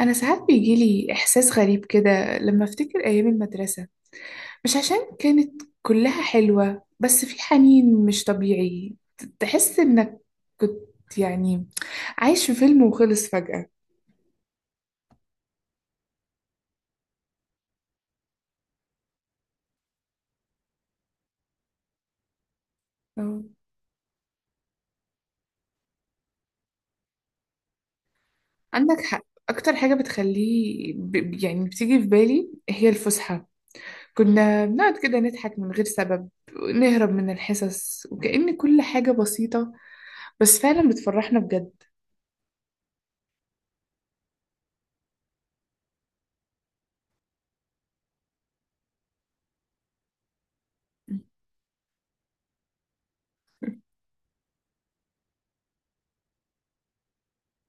أنا ساعات بيجيلي إحساس غريب كده لما أفتكر أيام المدرسة. مش عشان كانت كلها حلوة، بس في حنين مش طبيعي. تحس إنك كنت يعني عايش في فيلم وخلص فجأة. أه. عندك حق. أكتر حاجة بتخليه يعني بتيجي في بالي هي الفسحة. كنا بنقعد كده نضحك من غير سبب، نهرب من الحصص، وكأن كل حاجة بسيطة بس فعلا بتفرحنا بجد.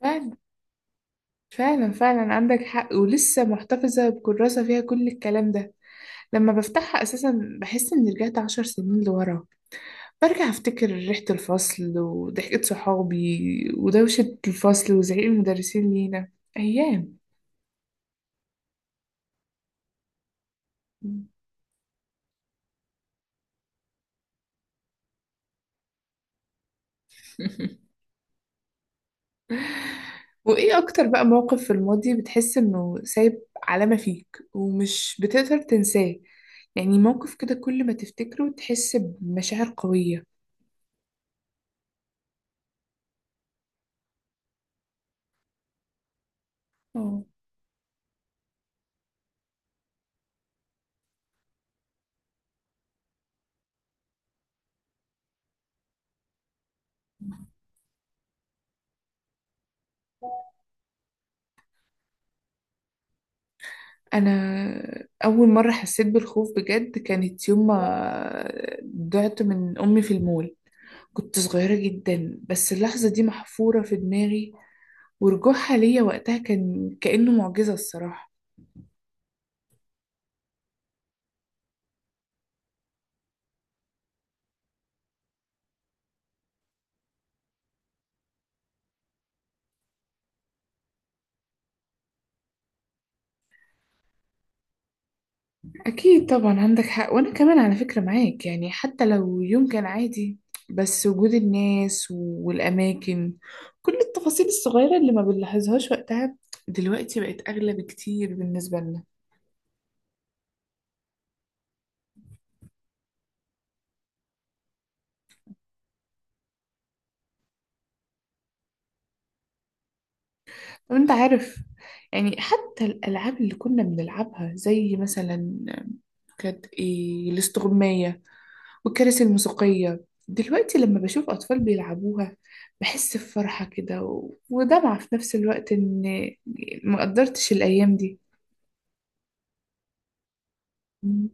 فعلا فعلا فعلا عندك حق، ولسه محتفظة بكراسة فيها كل الكلام ده. لما بفتحها أساسا بحس إني رجعت 10 سنين لورا. برجع أفتكر ريحة الفصل وضحكة صحابي ودوشة الفصل وزعيق المدرسين لينا. أيام. وإيه أكتر بقى موقف في الماضي بتحس إنه سايب علامة فيك ومش بتقدر تنساه؟ يعني موقف كده كل ما تفتكره تحس بمشاعر قوية. اه. انا اول مره حسيت بالخوف بجد كانت يوم ما ضعت من امي في المول. كنت صغيره جدا، بس اللحظه دي محفوره في دماغي. ورجوعها ليا وقتها كان كانه معجزه الصراحه. اكيد طبعا عندك حق. وانا كمان على فكره معاك، يعني حتى لو يوم كان عادي، بس وجود الناس والاماكن، كل التفاصيل الصغيره اللي ما بنلاحظهاش وقتها دلوقتي بقت اغلى بكتير بالنسبه لنا. وانت عارف، يعني حتى الألعاب اللي كنا بنلعبها زي مثلا كانت ايه الاستغماية والكراسي الموسيقية، دلوقتي لما بشوف أطفال بيلعبوها بحس بفرحة كده ودمعة في نفس الوقت إن ما قدرتش الأيام دي. مم.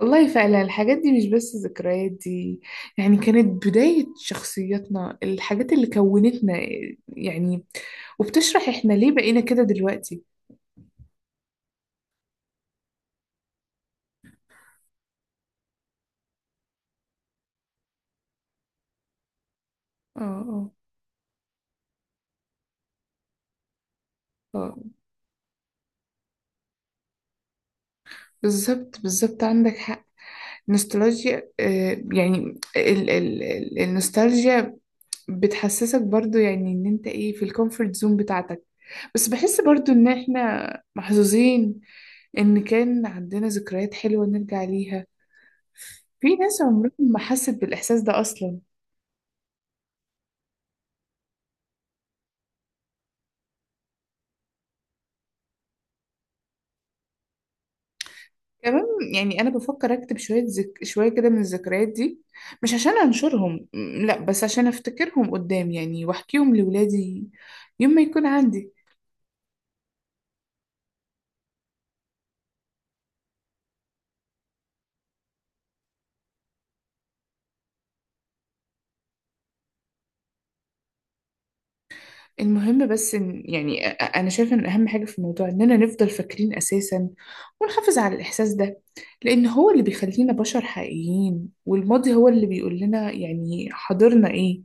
والله فعلا الحاجات دي مش بس ذكريات، دي يعني كانت بداية شخصياتنا، الحاجات اللي كونتنا يعني، وبتشرح احنا ليه بقينا كده دلوقتي. اه اه. آه. بالظبط بالظبط عندك حق. نوستالجيا، يعني ال ال ال النوستالجيا بتحسسك برضو، يعني ان انت ايه في الكومفورت زون بتاعتك. بس بحس برضو ان احنا محظوظين ان كان عندنا ذكريات حلوة نرجع ليها. في ناس عمرهم ما حست بالاحساس ده اصلا. كمان يعني انا بفكر اكتب شوية كده من الذكريات دي. مش عشان انشرهم، لا، بس عشان افتكرهم قدام يعني واحكيهم لولادي يوم ما يكون عندي. المهم بس إن يعني أنا شايفة إن أهم حاجة في الموضوع إننا نفضل فاكرين أساسا ونحافظ على الإحساس ده، لأن هو اللي بيخلينا بشر حقيقيين، والماضي هو اللي بيقول لنا يعني حاضرنا إيه.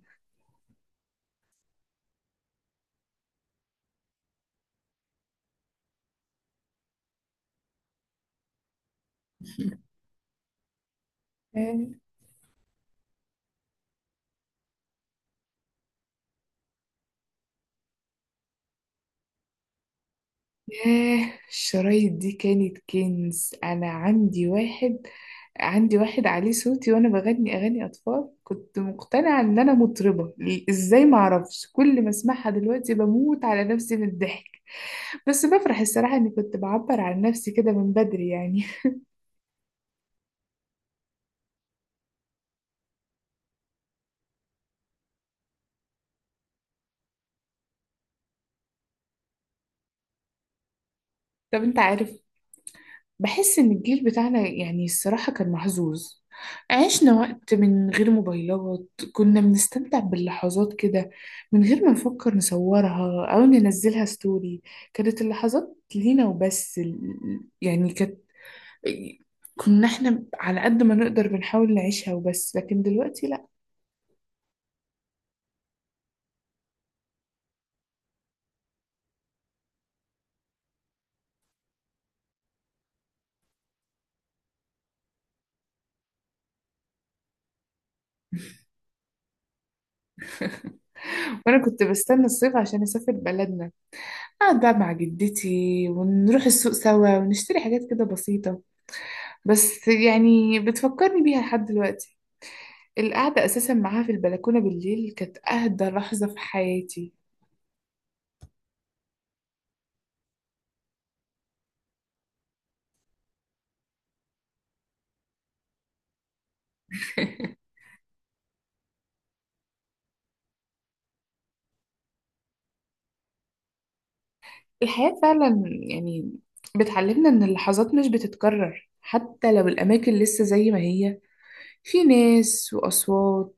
آه، ياه، الشرايط دي كانت كنز. أنا عندي واحد عليه صوتي وأنا بغني أغاني أطفال، كنت مقتنعة إن أنا مطربة. إزاي معرفش! كل ما أسمعها دلوقتي بموت على نفسي من الضحك. بس بفرح الصراحة إني كنت بعبر عن نفسي كده من بدري يعني. طب أنت عارف، بحس إن الجيل بتاعنا يعني الصراحة كان محظوظ. عشنا وقت من غير موبايلات، كنا بنستمتع باللحظات كده من غير ما نفكر نصورها أو ننزلها ستوري. كانت اللحظات لينا وبس، يعني كانت، كنا احنا على قد ما نقدر بنحاول نعيشها وبس، لكن دلوقتي لأ. وأنا كنت بستنى الصيف عشان أسافر بلدنا، أقعد بقى مع جدتي ونروح السوق سوا ونشتري حاجات كده بسيطة، بس يعني بتفكرني بيها لحد دلوقتي. القعدة أساسا معاها في البلكونة بالليل كانت أهدى لحظة في حياتي. الحياة فعلا يعني بتعلمنا إن اللحظات مش بتتكرر حتى لو الأماكن لسه زي ما هي. في ناس وأصوات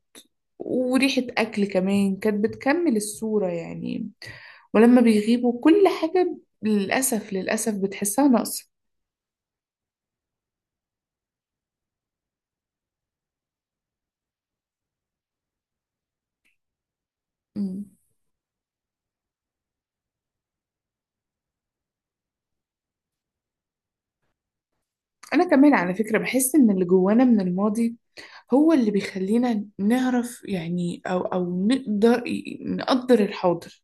وريحة أكل كمان كانت بتكمل الصورة يعني، ولما بيغيبوا كل حاجة للأسف للأسف بتحسها ناقصة. أنا كمان على فكرة بحس إن اللي جوانا من الماضي هو اللي بيخلينا نعرف يعني أو نقدر الحاضر،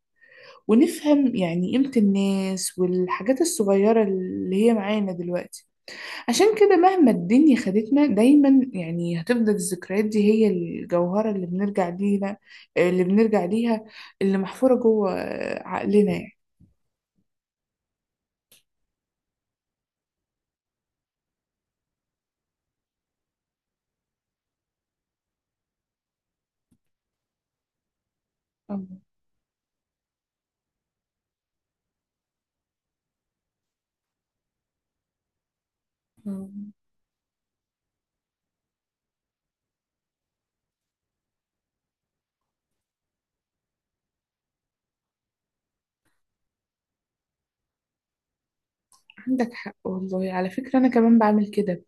ونفهم يعني قيمة الناس والحاجات الصغيرة اللي هي معانا دلوقتي. عشان كده مهما الدنيا خدتنا دايما، يعني هتفضل الذكريات دي هي الجوهرة اللي بنرجع ليها اللي محفورة جوه عقلنا يعني. الله. عندك حق والله. على فكرة أنا كمان بعمل كده،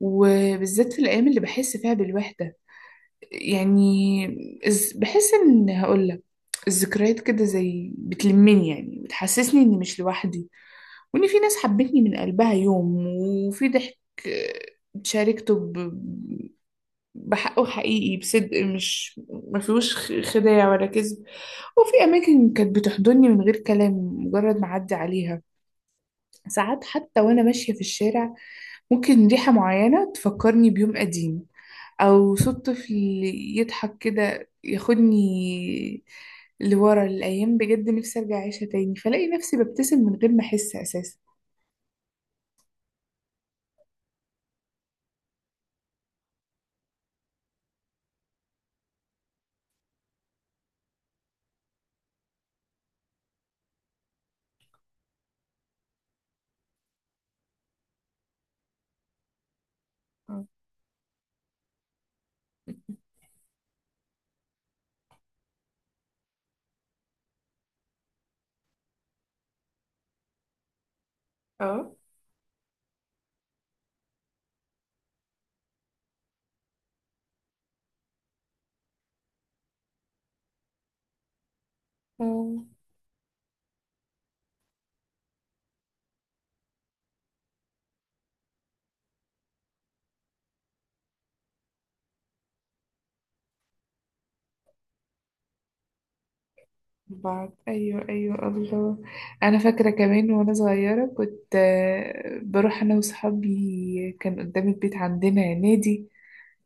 وبالذات في الأيام اللي بحس فيها بالوحدة يعني. بحس إن، هقولك، الذكريات كده زي بتلمني يعني، بتحسسني إني مش لوحدي، وإن في ناس حبتني من قلبها يوم، وفي ضحك آه، شاركته بحقه حقيقي بصدق، مش ما فيهوش خداع ولا كذب. وفي أماكن كانت بتحضني من غير كلام مجرد ما أعدي عليها. ساعات حتى وأنا ماشية في الشارع ممكن ريحة معينة تفكرني بيوم قديم، او صوت طفل يضحك كده ياخدني لورا الايام. بجد نفسي ارجع اعيشها تاني، فلاقي نفسي ببتسم من غير ما احس اساسا. اه اه. بعد ايوه ايوه، الله. انا فاكره كمان وانا صغيره كنت، بروح انا وصحابي، كان قدام البيت عندنا نادي.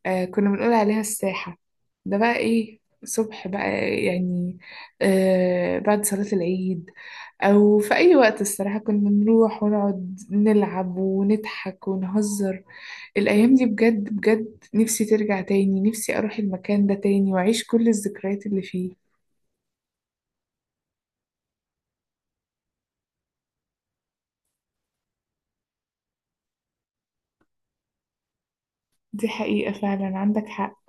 كنا بنقول عليها الساحة. ده بقى إيه صبح بقى، يعني بعد صلاة العيد أو في أي وقت الصراحة كنا نروح ونقعد نلعب ونضحك ونهزر. الأيام دي بجد بجد نفسي ترجع تاني، نفسي أروح المكان ده تاني وأعيش كل الذكريات اللي فيه. دي حقيقة فعلا عندك حق.